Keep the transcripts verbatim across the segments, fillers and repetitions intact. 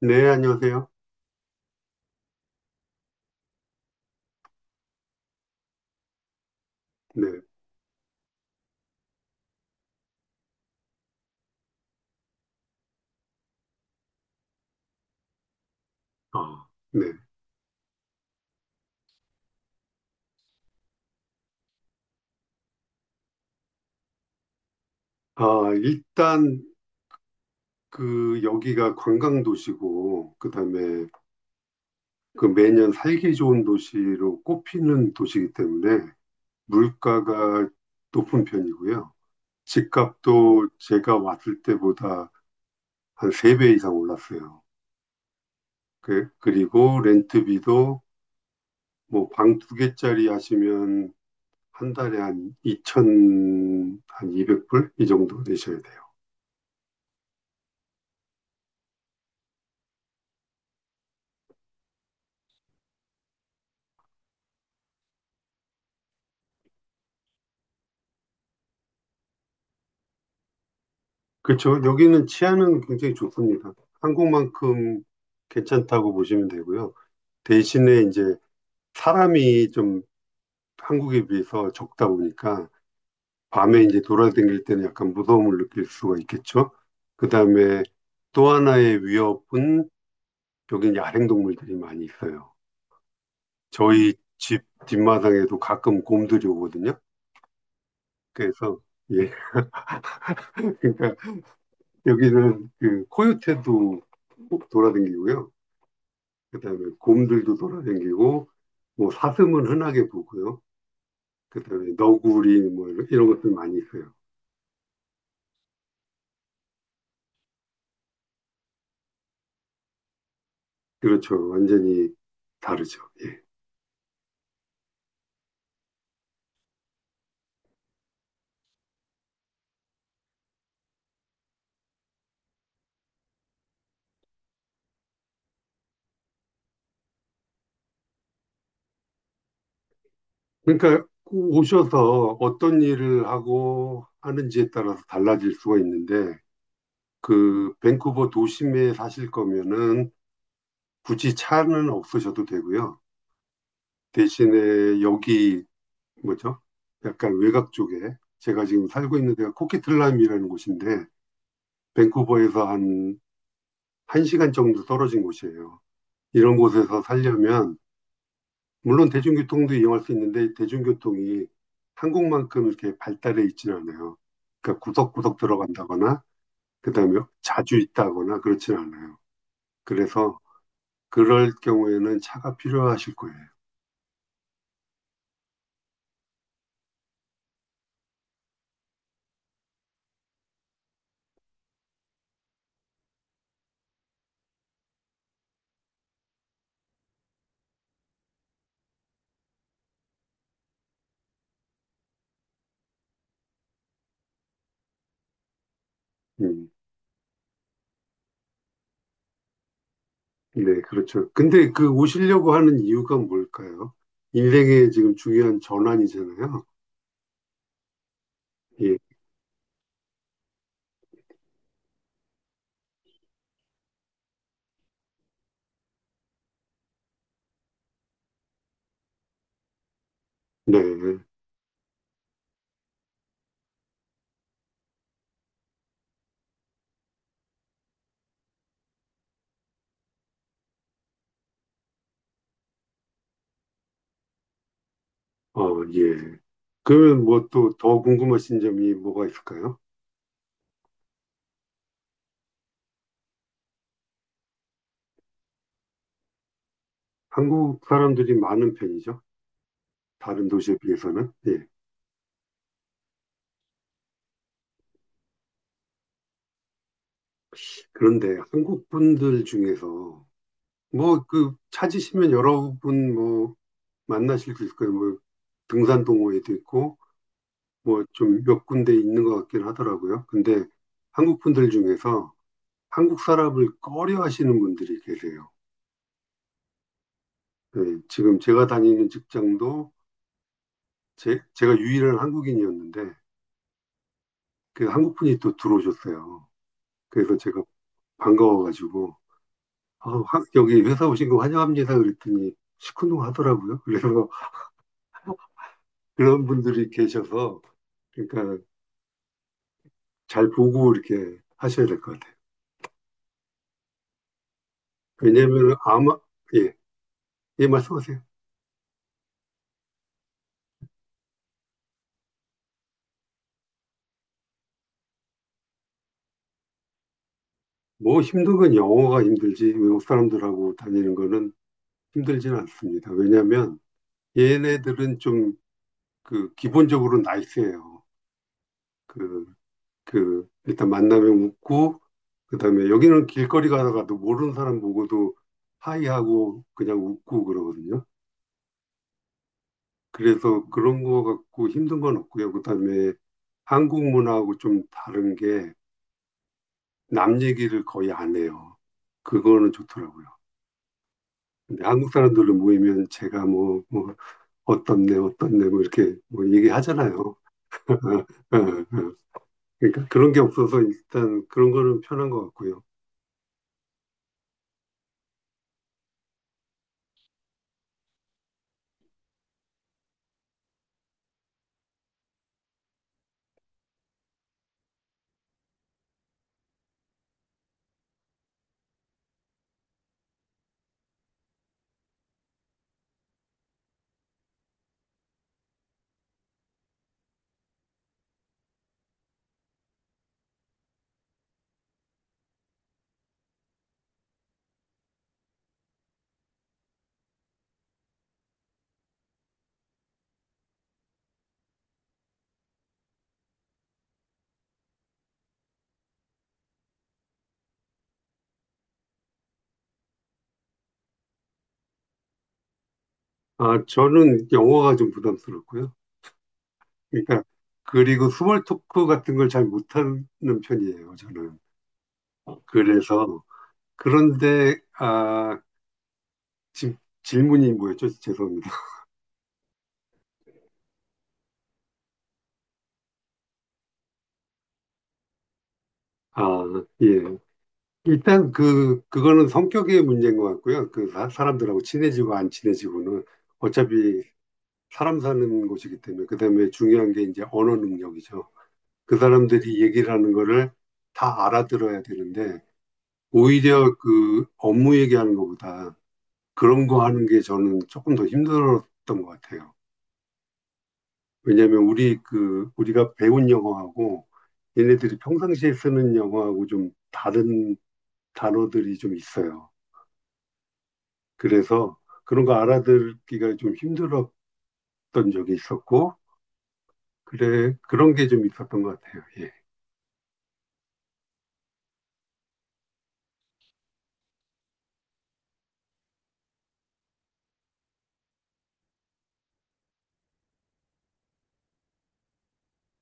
네, 안녕하세요. 네. 아, 네. 아, 일단 그 여기가 관광 도시고 그다음에 그 매년 살기 좋은 도시로 꼽히는 도시이기 때문에 물가가 높은 편이고요. 집값도 제가 왔을 때보다 한 세 배 이상 올랐어요. 그, 그리고 렌트비도 뭐 방 두 개짜리 하시면 한 달에 한 이천, 한 이백 불 이 정도 내셔야 돼요. 그렇죠. 여기는 치안은 굉장히 좋습니다. 한국만큼 괜찮다고 보시면 되고요. 대신에 이제 사람이 좀 한국에 비해서 적다 보니까 밤에 이제 돌아다닐 때는 약간 무서움을 느낄 수가 있겠죠. 그다음에 또 하나의 위협은 여기는 야생동물들이 많이 있어요. 저희 집 뒷마당에도 가끔 곰들이 오거든요. 그래서 예, 그러니까 여기는 그 코요테도 돌아다니고요. 그다음에 곰들도 돌아다니고 뭐 사슴은 흔하게 보고요. 그다음에 너구리 뭐 이런, 이런 것들 많이 있어요. 그렇죠. 완전히 다르죠. 예. 그러니까 오셔서 어떤 일을 하고 하는지에 따라서 달라질 수가 있는데 그 밴쿠버 도심에 사실 거면은 굳이 차는 없으셔도 되고요. 대신에 여기 뭐죠? 약간 외곽 쪽에 제가 지금 살고 있는 데가 코키틀람이라는 곳인데 밴쿠버에서 한 한 시간 정도 떨어진 곳이에요. 이런 곳에서 살려면 물론 대중교통도 이용할 수 있는데 대중교통이 한국만큼 이렇게 발달해 있지는 않아요. 그러니까 구석구석 들어간다거나 그다음에 자주 있다거나 그렇진 않아요. 그래서 그럴 경우에는 차가 필요하실 거예요. 음, 네, 그렇죠. 근데 그 오시려고 하는 이유가 뭘까요? 인생의 지금 중요한 전환이잖아요. 예, 네, 어, 예. 그러면 뭐 또 더 궁금하신 점이 뭐가 있을까요? 한국 사람들이 많은 편이죠. 다른 도시에 비해서는. 예. 그런데 한국 분들 중에서 뭐 그 찾으시면 여러분 뭐 만나실 수 있을 거예요. 뭐 등산 동호회도 있고 뭐 좀 몇 군데 있는 것 같긴 하더라고요. 근데 한국 분들 중에서 한국 사람을 꺼려 하시는 분들이 계세요. 예, 지금 제가 다니는 직장도 제, 제가 유일한 한국인이었는데 그 한국 분이 또 들어오셨어요. 그래서 제가 반가워가지고 어, 화- 여기 회사 오신 거 환영합니다. 그랬더니 시큰둥 하더라고요. 그래서 그런 분들이 계셔서, 그러니까 잘 보고 이렇게 하셔야 될 것 같아요. 왜냐면 아마, 예, 예, 말씀하세요. 뭐 힘든 건 영어가 힘들지, 외국 사람들하고 다니는 거는 힘들지는 않습니다. 왜냐면 얘네들은 좀 그 기본적으로 나이스해요. 그, 그, 일단 만나면 웃고, 그다음에 여기는 길거리 가다가도 모르는 사람 보고도 하이하고 그냥 웃고 그러거든요. 그래서 그런 거 갖고 힘든 건 없고요. 그다음에 한국 문화하고 좀 다른 게 남 얘기를 거의 안 해요. 그거는 좋더라고요. 근데 한국 사람들로 모이면 제가 뭐, 뭐 어떻네 어떻네 뭐 이렇게 뭐 얘기하잖아요. 어, 어. 그러니까 그런 게 없어서 일단 그런 거는 편한 것 같고요. 아 저는 영어가 좀 부담스럽고요. 그러니까 그리고 스몰 토크 같은 걸 잘 못하는 편이에요. 저는 그래서 그런데 아 지금 질문이 뭐였죠? 죄송합니다. 아, 예. 일단 그, 그거는 성격의 문제인 것 같고요. 그 사, 사람들하고 친해지고 안 친해지고는 어차피 사람 사는 곳이기 때문에 그다음에 중요한 게 이제 언어 능력이죠. 그 사람들이 얘기를 하는 거를 다 알아들어야 되는데 오히려 그 업무 얘기하는 것보다 그런 거 하는 게 저는 조금 더 힘들었던 것 같아요. 왜냐하면 우리 그 우리가 배운 영어하고 얘네들이 평상시에 쓰는 영어하고 좀 다른 단어들이 좀 있어요. 그래서 그런 거 알아듣기가 좀 힘들었던 적이 있었고 그래 그런 게 좀 있었던 것 같아요. 예.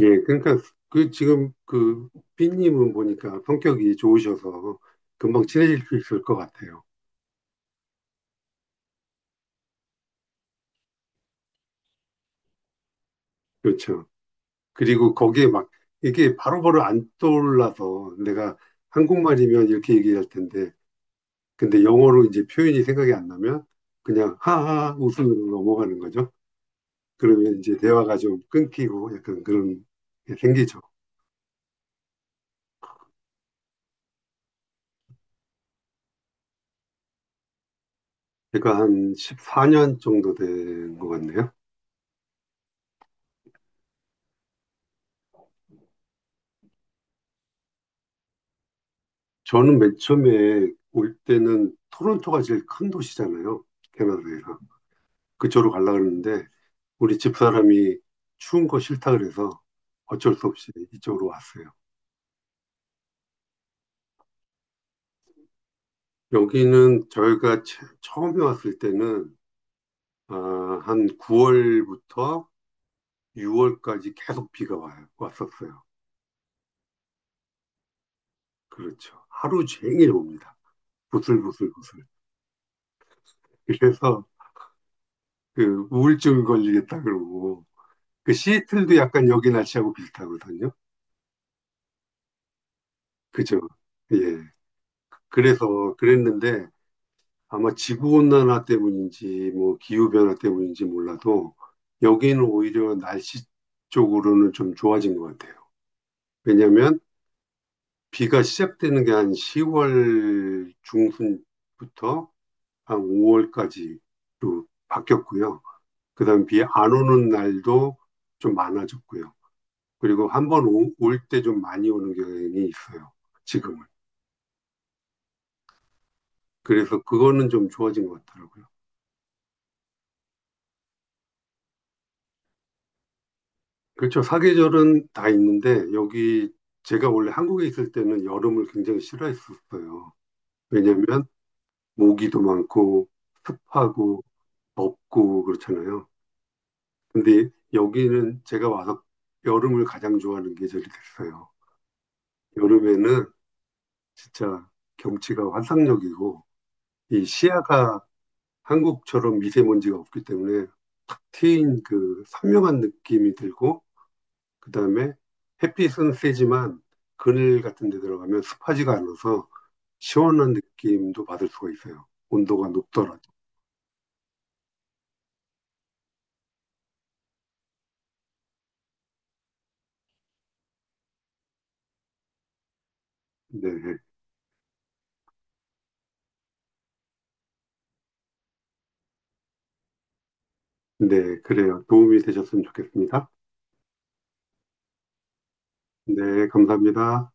예, 그러니까 그 지금 그 삐님은 보니까 성격이 좋으셔서 금방 친해질 수 있을 것 같아요. 그렇죠. 그리고 거기에 막 이게 바로바로 안 떠올라서 내가 한국말이면 이렇게 얘기할 텐데 근데 영어로 이제 표현이 생각이 안 나면 그냥 하하 웃음으로 넘어가는 거죠. 그러면 이제 대화가 좀 끊기고 약간 그런 게 생기죠. 제가 한 십사 년 정도 된 것 같네요. 저는 맨 처음에 올 때는 토론토가 제일 큰 도시잖아요. 캐나다에서. 그쪽으로 가려고 했는데 우리 집사람이 추운 거 싫다 그래서 어쩔 수 없이 이쪽으로 왔어요. 여기는 저희가 처- 처음에 왔을 때는 아, 한 구월부터 유월까지 계속 비가 와요. 왔었어요. 그렇죠. 하루 종일 옵니다. 부슬부슬부슬. 그래서 그 우울증 걸리겠다 그러고 그 시애틀도 약간 여기 날씨하고 비슷하거든요. 그죠? 예. 그래서 그랬는데 아마 지구 온난화 때문인지 뭐 기후 변화 때문인지 몰라도 여기는 오히려 날씨 쪽으로는 좀 좋아진 것 같아요. 왜냐하면 비가 시작되는 게 한 시월 중순부터 한 오월까지로 바뀌었고요. 그 다음 비 안 오는 날도 좀 많아졌고요. 그리고 한번 올 때 좀 많이 오는 경향이 있어요. 지금은. 그래서 그거는 좀 좋아진 것 같더라고요. 그렇죠. 사계절은 다 있는데 여기 제가 원래 한국에 있을 때는 여름을 굉장히 싫어했었어요. 왜냐면 모기도 많고 습하고 덥고 그렇잖아요. 근데 여기는 제가 와서 여름을 가장 좋아하는 계절이 됐어요. 여름에는 진짜 경치가 환상적이고 이 시야가 한국처럼 미세먼지가 없기 때문에 탁 트인 그 선명한 느낌이 들고 그다음에 햇빛은 세지만 그늘 같은 데 들어가면 습하지가 않아서 시원한 느낌도 받을 수가 있어요. 온도가 높더라도. 네. 네, 그래요. 도움이 되셨으면 좋겠습니다. 네, 감사합니다.